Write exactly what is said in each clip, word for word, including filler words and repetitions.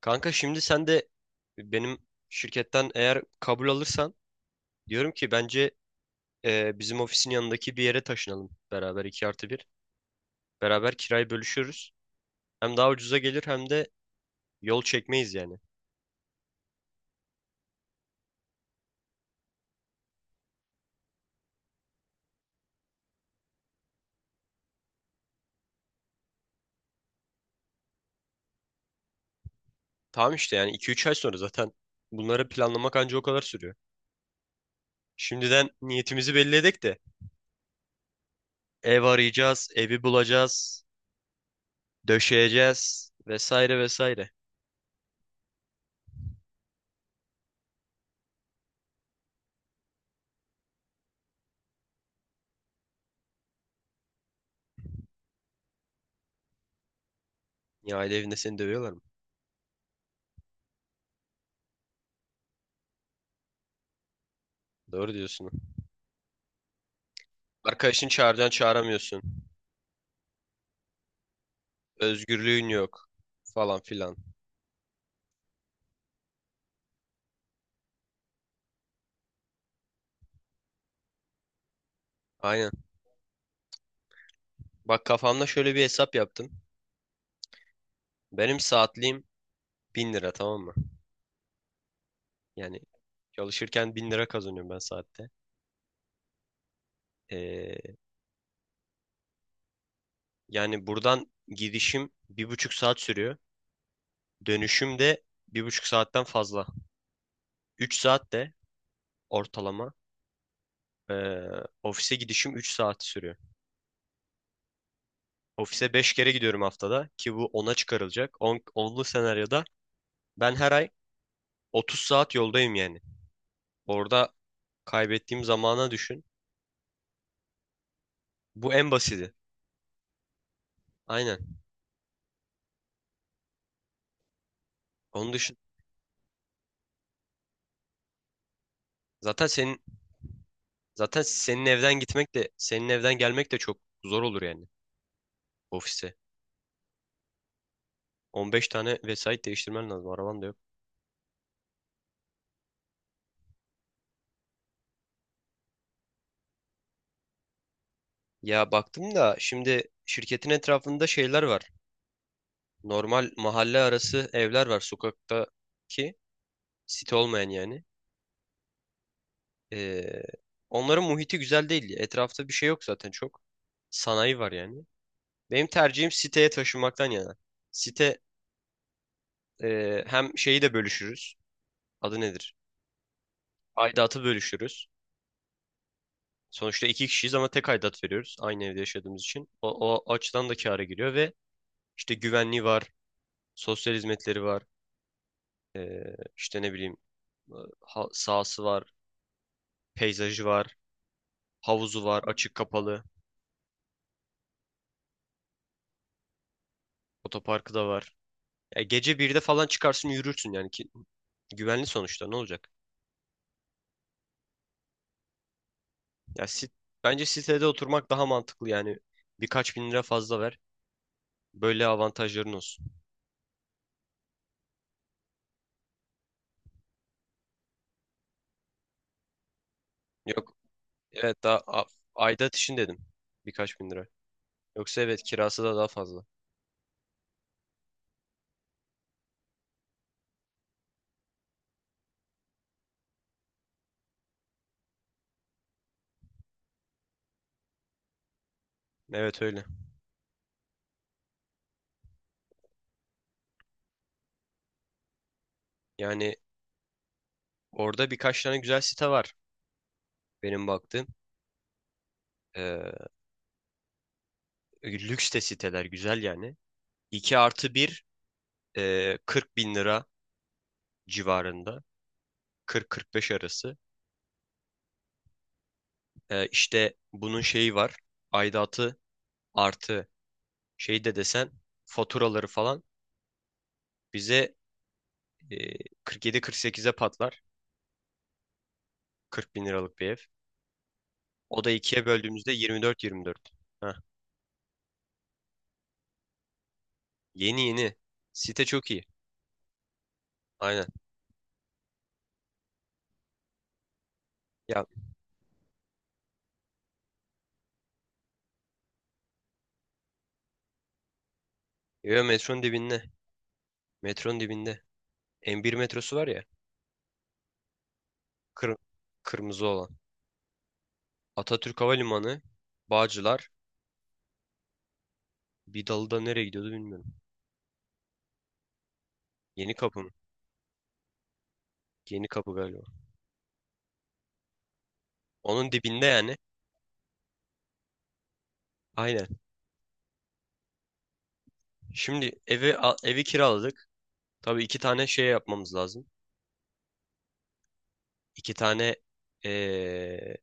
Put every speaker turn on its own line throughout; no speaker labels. Kanka şimdi sen de benim şirketten eğer kabul alırsan diyorum ki bence e, bizim ofisin yanındaki bir yere taşınalım beraber iki artı bir. Beraber kirayı bölüşürüz. Hem daha ucuza gelir hem de yol çekmeyiz yani. Tamam işte yani iki üç ay sonra zaten bunları planlamak anca o kadar sürüyor. Şimdiden niyetimizi belli edek de ev arayacağız, evi bulacağız, döşeyeceğiz vesaire vesaire. Ya aile evinde seni dövüyorlar mı? Doğru diyorsun. Arkadaşını çağıracaksın, çağıramıyorsun. Özgürlüğün yok falan filan. Aynen. Bak, kafamda şöyle bir hesap yaptım. Benim saatliğim bin lira, tamam mı? Yani çalışırken bin lira kazanıyorum ben saatte. Ee, Yani buradan gidişim bir buçuk saat sürüyor. Dönüşüm de bir buçuk saatten fazla. Üç saat de ortalama. ee, Ofise gidişim üç saat sürüyor. Ofise beş kere gidiyorum haftada, ki bu ona çıkarılacak. on, onlu senaryoda ben her ay otuz saat yoldayım yani. Orada kaybettiğim zamana düşün. Bu en basiti. Aynen. Onu düşün. Zaten senin zaten senin evden gitmek de senin evden gelmek de çok zor olur yani ofise. On beş tane vesait değiştirmen lazım. Araban da yok. Ya baktım da şimdi şirketin etrafında şeyler var. Normal mahalle arası evler var, sokaktaki, site olmayan yani. Ee, Onların muhiti güzel değil. Etrafta bir şey yok zaten çok. Sanayi var yani. Benim tercihim siteye taşınmaktan yana. Site, e, hem şeyi de bölüşürüz. Adı nedir? Aidatı bölüşürüz. Sonuçta iki kişiyiz ama tek aidat veriyoruz, aynı evde yaşadığımız için. O, o açıdan da kâra giriyor ve işte güvenliği var, sosyal hizmetleri var, ee, işte ne bileyim, e, ha- sahası var, peyzajı var, havuzu var, açık kapalı, otoparkı da var. Ya gece birde falan çıkarsın yürürsün yani, ki güvenli sonuçta, ne olacak? Ya sit, bence sitede oturmak daha mantıklı yani, birkaç bin lira fazla ver. Böyle avantajların olsun. Yok, evet daha a- aidat için dedim, birkaç bin lira. Yoksa evet, kirası da daha fazla. Evet öyle. Yani orada birkaç tane güzel site var, benim baktığım. Ee, Lüks de siteler güzel yani. iki artı bir, e, 40 bin lira civarında. kırk kırk beş arası. Ee, işte bunun şeyi var. Aidatı artı şey de desen, faturaları falan, bize e, kırk yedi kırk sekize patlar. 40 bin liralık bir ev. O da ikiye böldüğümüzde yirmi dört yirmi dört. Heh. Yeni yeni. Site çok iyi. Aynen. Ya, yo, metronun dibinde. Metronun dibinde. M bir metrosu var ya. Kır Kırmızı olan. Atatürk Havalimanı, Bağcılar, bir dalı da nereye gidiyordu bilmiyorum. Yeni kapı mı? Yeni kapı galiba. Onun dibinde yani. Aynen. Şimdi evi al- evi kiraladık. Tabii iki tane şey yapmamız lazım. İki tane eee,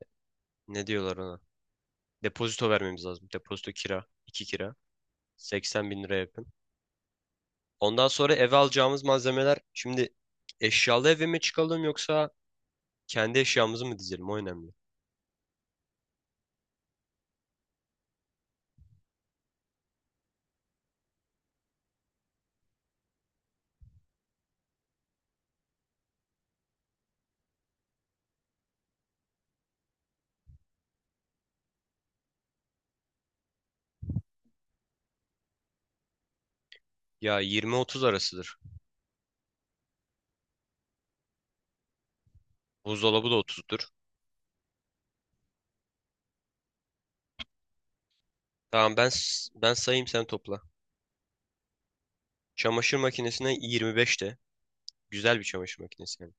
ne diyorlar ona? Depozito vermemiz lazım. Depozito kira. İki kira. 80 bin lira yakın. Ondan sonra eve alacağımız malzemeler, şimdi eşyalı eve mi çıkalım yoksa kendi eşyamızı mı dizelim, o önemli. Ya yirmi otuz arasıdır. Buzdolabı da otuzdur. Tamam, ben s- ben sayayım, sen topla. Çamaşır makinesine yirmi beş de. Güzel bir çamaşır makinesi yani.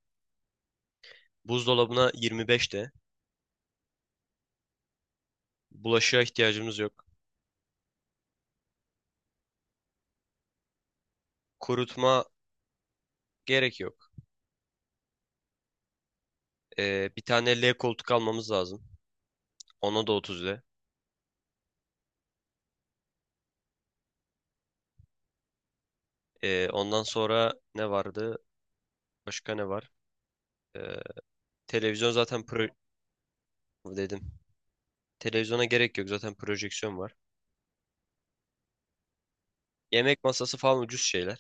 Buzdolabına yirmi beş de. Bulaşığa ihtiyacımız yok. Kurutma gerek yok. Ee, bir tane L koltuk almamız lazım. Ona da otuz de. Ee, ondan sonra ne vardı? Başka ne var? Ee, Televizyon zaten pro dedim. Televizyona gerek yok, zaten projeksiyon var. Yemek masası falan ucuz şeyler.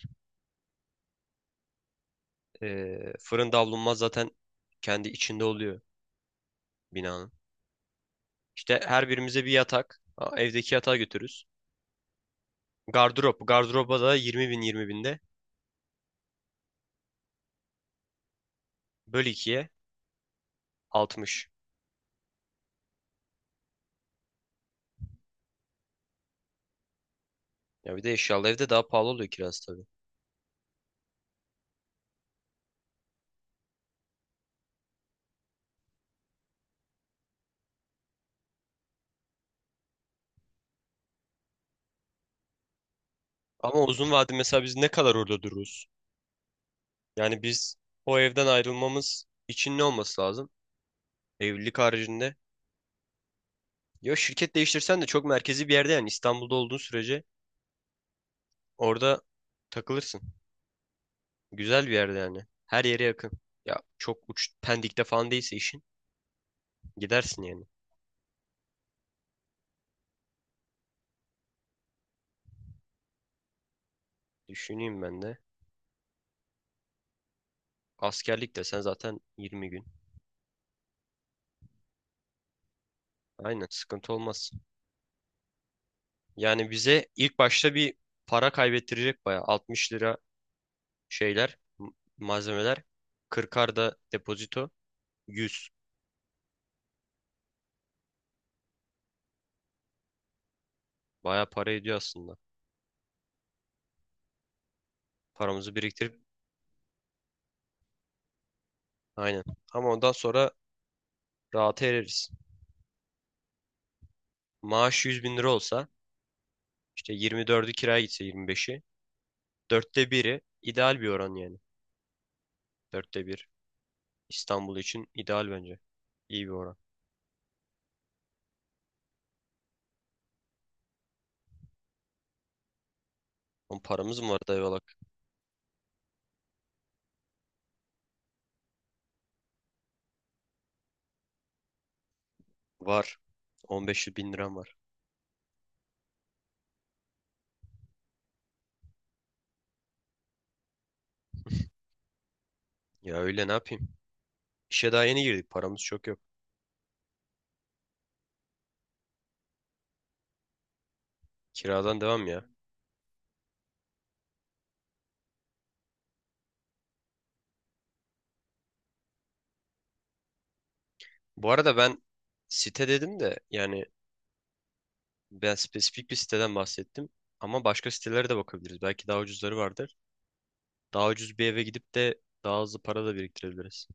Ee, fırın davlumbaz zaten kendi içinde oluyor binanın. İşte her birimize bir yatak. a- Evdeki yatağı götürürüz. Gardırop. Gardıroba da 20 bin yirmi binde. Böl ikiye, altmış. Ya bir de eşyalı evde daha pahalı oluyor kirası tabii. Ama uzun vade, mesela biz ne kadar orada dururuz? Yani biz o evden ayrılmamız için ne olması lazım? Evlilik haricinde. Ya şirket değiştirsen de çok merkezi bir yerde, yani İstanbul'da olduğun sürece orada takılırsın. Güzel bir yerde yani. Her yere yakın. Ya çok uç Pendik'te falan değilse işin, gidersin yani. Düşüneyim ben de. Askerlik de sen zaten yirmi gün. Aynen, sıkıntı olmaz. Yani bize ilk başta bir para kaybettirecek bayağı. Altmış lira şeyler, m- malzemeler. kırkar da depozito. Yüz. Bayağı para ediyor aslında. Paramızı biriktirip aynen. Ama ondan sonra rahata ereriz. Maaş 100 bin lira olsa, işte yirmi dördü kiraya gitse, yirmi beşi. Dörtte biri ideal bir oran yani. Dörtte bir. İstanbul için ideal bence. İyi bir oran. On paramız mı var, dayıvalak? Var. 15 bin liram var. Ya öyle ne yapayım? İşe daha yeni girdik. Paramız çok yok. Kiradan devam ya. Bu arada ben site dedim de, yani ben spesifik bir siteden bahsettim. Ama başka sitelere de bakabiliriz. Belki daha ucuzları vardır. Daha ucuz bir eve gidip de daha hızlı para da biriktirebiliriz.